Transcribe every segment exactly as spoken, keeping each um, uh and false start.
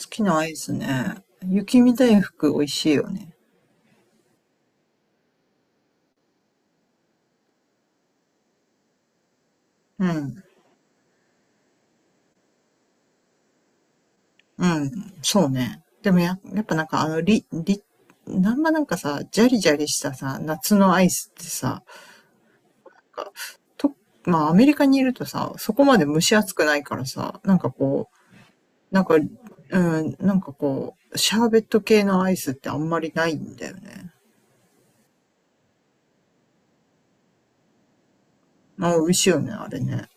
好きなアイスね。雪見大福美味しいよね。うん。うん。そうね。でもや、やっぱなんかあの、り、り、なんまなんかさ、ジャリジャリしたさ、夏のアイスってさ、なんかと、まあアメリカにいるとさ、そこまで蒸し暑くないからさ、なんかこう、なんか、うん、なんかこう、シャーベット系のアイスってあんまりないんだよね。まあ、美味しいよね、あれね。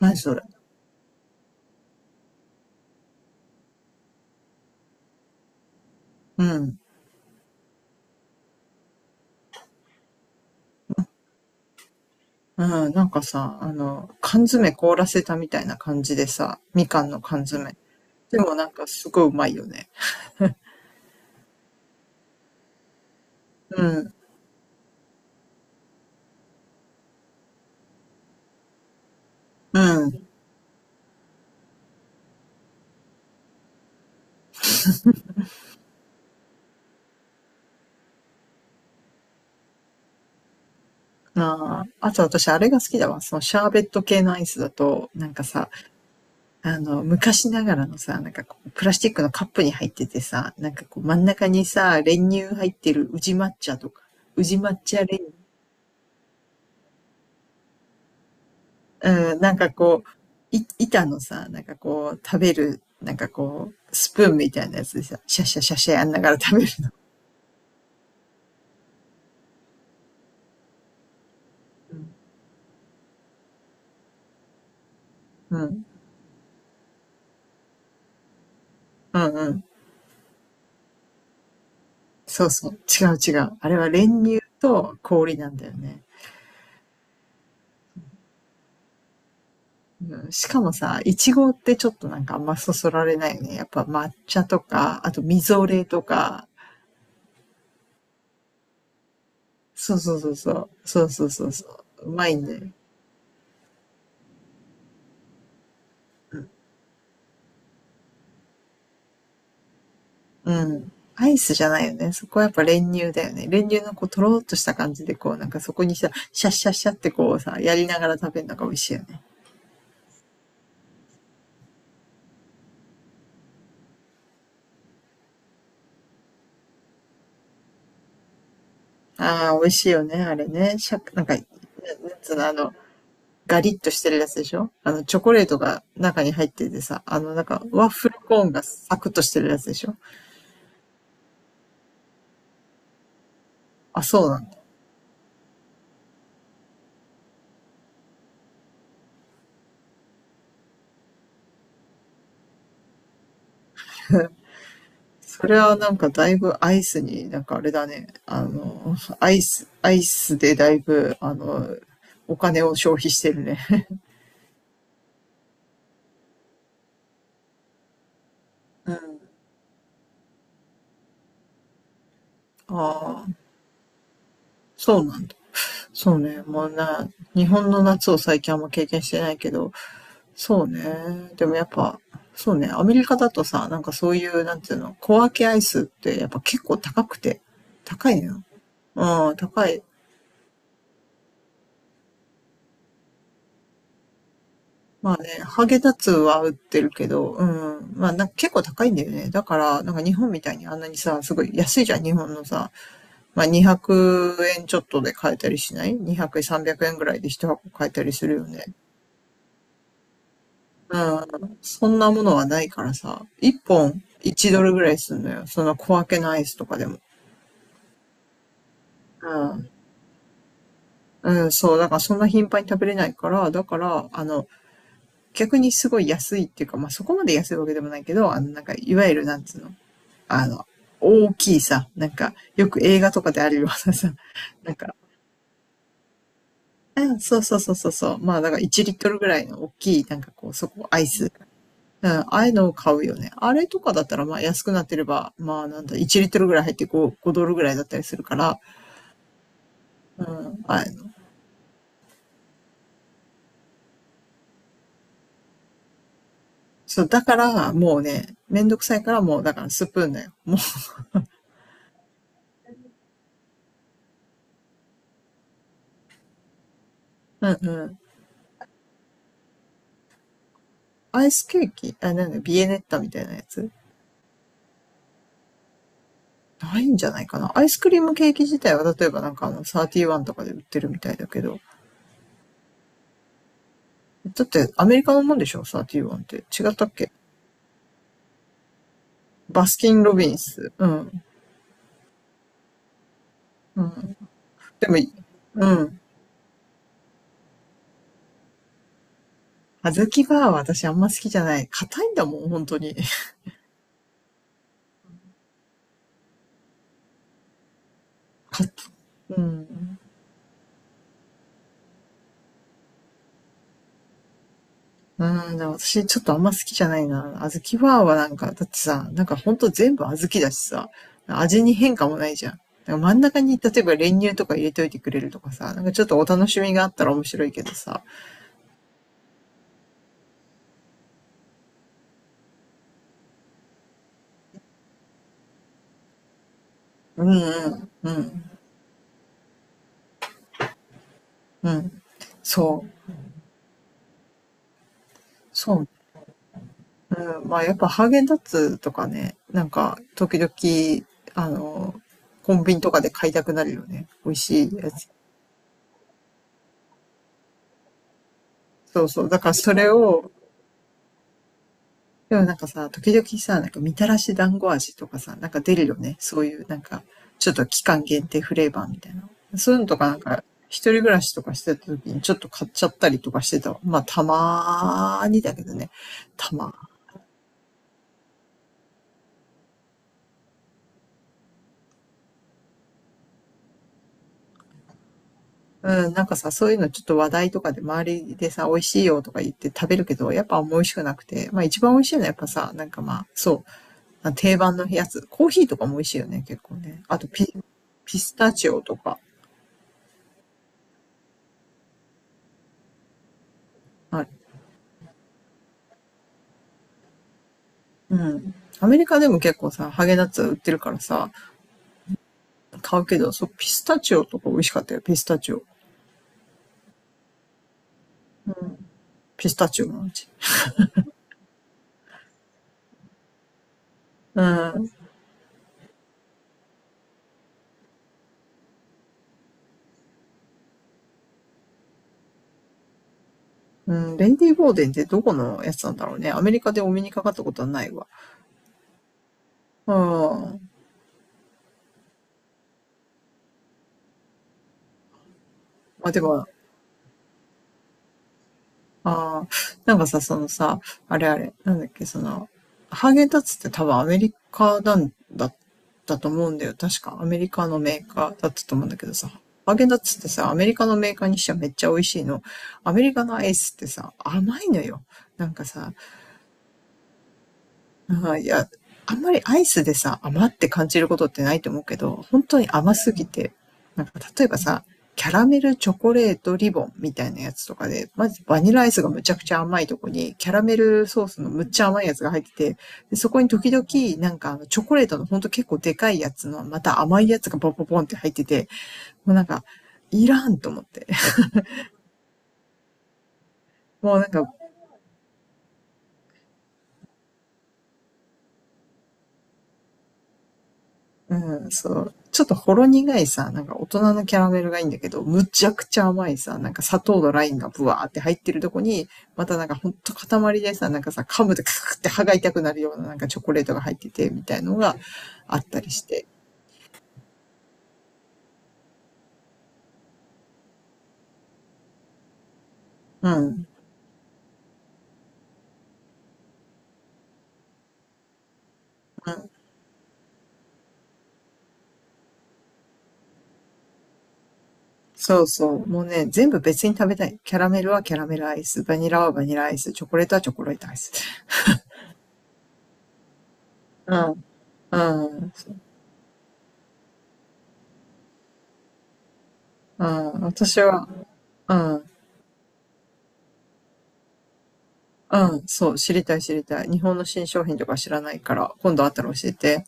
何それ。うん。うん、なんかさ、あの、缶詰凍らせたみたいな感じでさ、みかんの缶詰。でもなんかすごいうまいよね。うん、うん。ああ、あと私あれが好きだわ。そのシャーベット系のアイスだと、なんかさ、あの、昔ながらのさ、なんかこう、プラスチックのカップに入っててさ、なんかこう、真ん中にさ、練乳入ってる宇治抹茶とか、宇治抹茶練乳。うん、なんかこう、い、板のさ、なんかこう、食べる、なんかこう、スプーンみたいなやつでさ、シャシャシャシャやんながら食べる。うん。うんうん。そうそう。違う違う。あれは練乳と氷なんだよね。うん、しかもさ、いちごってちょっとなんかあんまそそられないよね。やっぱ抹茶とか、あとみぞれとか。そうそうそうそう。そうそうそうそう。うまいんだよ。うん。アイスじゃないよね。そこはやっぱ練乳だよね。練乳のこう、とろーっとした感じで、こう、なんかそこにさ、シャッシャッシャッってこうさ、やりながら食べるのが美味しいよね。ああ、美味しいよね、あれね。しゃ、なんか、なんつうの、あの、ガリッとしてるやつでしょ。あの、チョコレートが中に入っててさ、あの、なんか、ワッフルコーンがサクッとしてるやつでしょ。あ、そうなんだ。それはなんかだいぶアイスに、なんかあれだね、あの、アイス、アイスでだいぶ、あの、お金を消費してるね。うん。ああ、そうなんだ。そうね。もうな、日本の夏を最近あんま経験してないけど、そうね。でもやっぱ、そうね。アメリカだとさ、なんかそういう、なんていうの、小分けアイスってやっぱ結構高くて、高いのよ。うん、高い。まあね、ハーゲンダッツは売ってるけど、うん、まあなんか結構高いんだよね。だから、なんか日本みたいにあんなにさ、すごい安いじゃん、日本のさ。まあにひゃくえんちょっとで買えたりしない？ にひゃく 円、さんびゃくえんぐらいで一箱買えたりするよね。うん、そんなものはないからさ、いっぽんいちドルぐらいするのよ。その小分けのアイスとかでも。うん、うん、そう、だからそんな頻繁に食べれないから、だから、あの、逆にすごい安いっていうか、まあ、そこまで安いわけでもないけど、あの、なんか、いわゆる、なんつうの、あの、大きいさ、なんか、よく映画とかであるようなさ、なんか、うん、そうそうそうそうそう、まあ、だからいちリットルぐらいの大きい、なんかこう、そこ、アイス。うん、ああいうのを買うよね。あれとかだったら、まあ安くなってれば、まあなんだ、いちリットルぐらい入って ご, ごドルぐらいだったりするから、うん、ああいうの。そう、だから、もうね、めんどくさいからもう、だからスプーンだよ。うんうん。アイスケーキ、あ、なんだ、ビエネッタみたいなやつ。ないんじゃないかな。アイスクリームケーキ自体は、例えばなんかあの、サーティワンとかで売ってるみたいだけど。だって、アメリカのもんでしょ、サーティワンって。違ったっけ。バスキン・ロビンス。うん。うん。でも、うん。小豆バーは私あんま好きじゃない。硬いんだもん、本当に。硬い。うん。うん、でも私ちょっとあんま好きじゃないな。小豆バーはなんか、だってさ、なんかほんと全部小豆だしさ、味に変化もないじゃん。なんか真ん中に、例えば練乳とか入れといてくれるとかさ、なんかちょっとお楽しみがあったら面白いけどさ。うんうん、うん、うん。そう、そう。うん、まあやっぱハーゲンダッツとかね、なんか時々、あの、コンビニとかで買いたくなるよね。美味しいやつ。そうそう。だからそれを、でもなんかさ、時々さ、なんかみたらし団子味とかさ、なんか出るよね。そういうなんか、ちょっと期間限定フレーバーみたいな。そういうのとかなんか、一人暮らしとかしてた時にちょっと買っちゃったりとかしてた。まあ、たまーにだけどね。たまー。うん、なんかさ、そういうのちょっと話題とかで周りでさ、美味しいよとか言って食べるけど、やっぱあんま美味しくなくて。まあ一番美味しいのはやっぱさ、なんかまあ、そう。定番のやつ。コーヒーとかも美味しいよね、結構ね。あとピ、ピスタチオとか。あれ、うん。アメリカでも結構さ、ハーゲンダッツ売ってるからさ、買うけど、そう、ピスタチオとか美味しかったよ、ピスタチオ。うん。ピスタチオの味。うん。うん。レンディー・ボーデンってどこのやつなんだろうね。アメリカでお目にかかったことはないわ。うん。まあ、でも、ああ、なんかさ、そのさ、あれあれ、なんだっけ、その、ハーゲンダッツって多分アメリカなんだったと思うんだよ。確かアメリカのメーカーだったと思うんだけどさ、ハーゲンダッツってさ、アメリカのメーカーにしてはめっちゃ美味しいの。アメリカのアイスってさ、甘いのよ。なんかさ、ああ、いや、あんまりアイスでさ、甘って感じることってないと思うけど、本当に甘すぎて、なんか例えばさ、キャラメルチョコレートリボンみたいなやつとかで、まずバニラアイスがむちゃくちゃ甘いとこに、キャラメルソースのむっちゃ甘いやつが入ってて、でそこに時々なんかチョコレートのほんと結構でかいやつの、また甘いやつがポンポンポンって入ってて、もうなんか、いらんと思って。もうなんか、うん、そう。ちょっとほろ苦いさ、なんか大人のキャラメルがいいんだけど、むちゃくちゃ甘いさ、なんか砂糖のラインがブワーって入ってるとこに、またなんかほんと塊でさ、なんかさ、噛むとカクって歯が痛くなるようななんかチョコレートが入ってて、みたいのがあったりして。うん。うん、そうそう。もうね、全部別に食べたい。キャラメルはキャラメルアイス、バニラはバニラアイス、チョコレートはチョコレートアイス。うん、うん、うん、私は、うん。うん、そう、知りたい知りたい。日本の新商品とか知らないから、今度あったら教えて。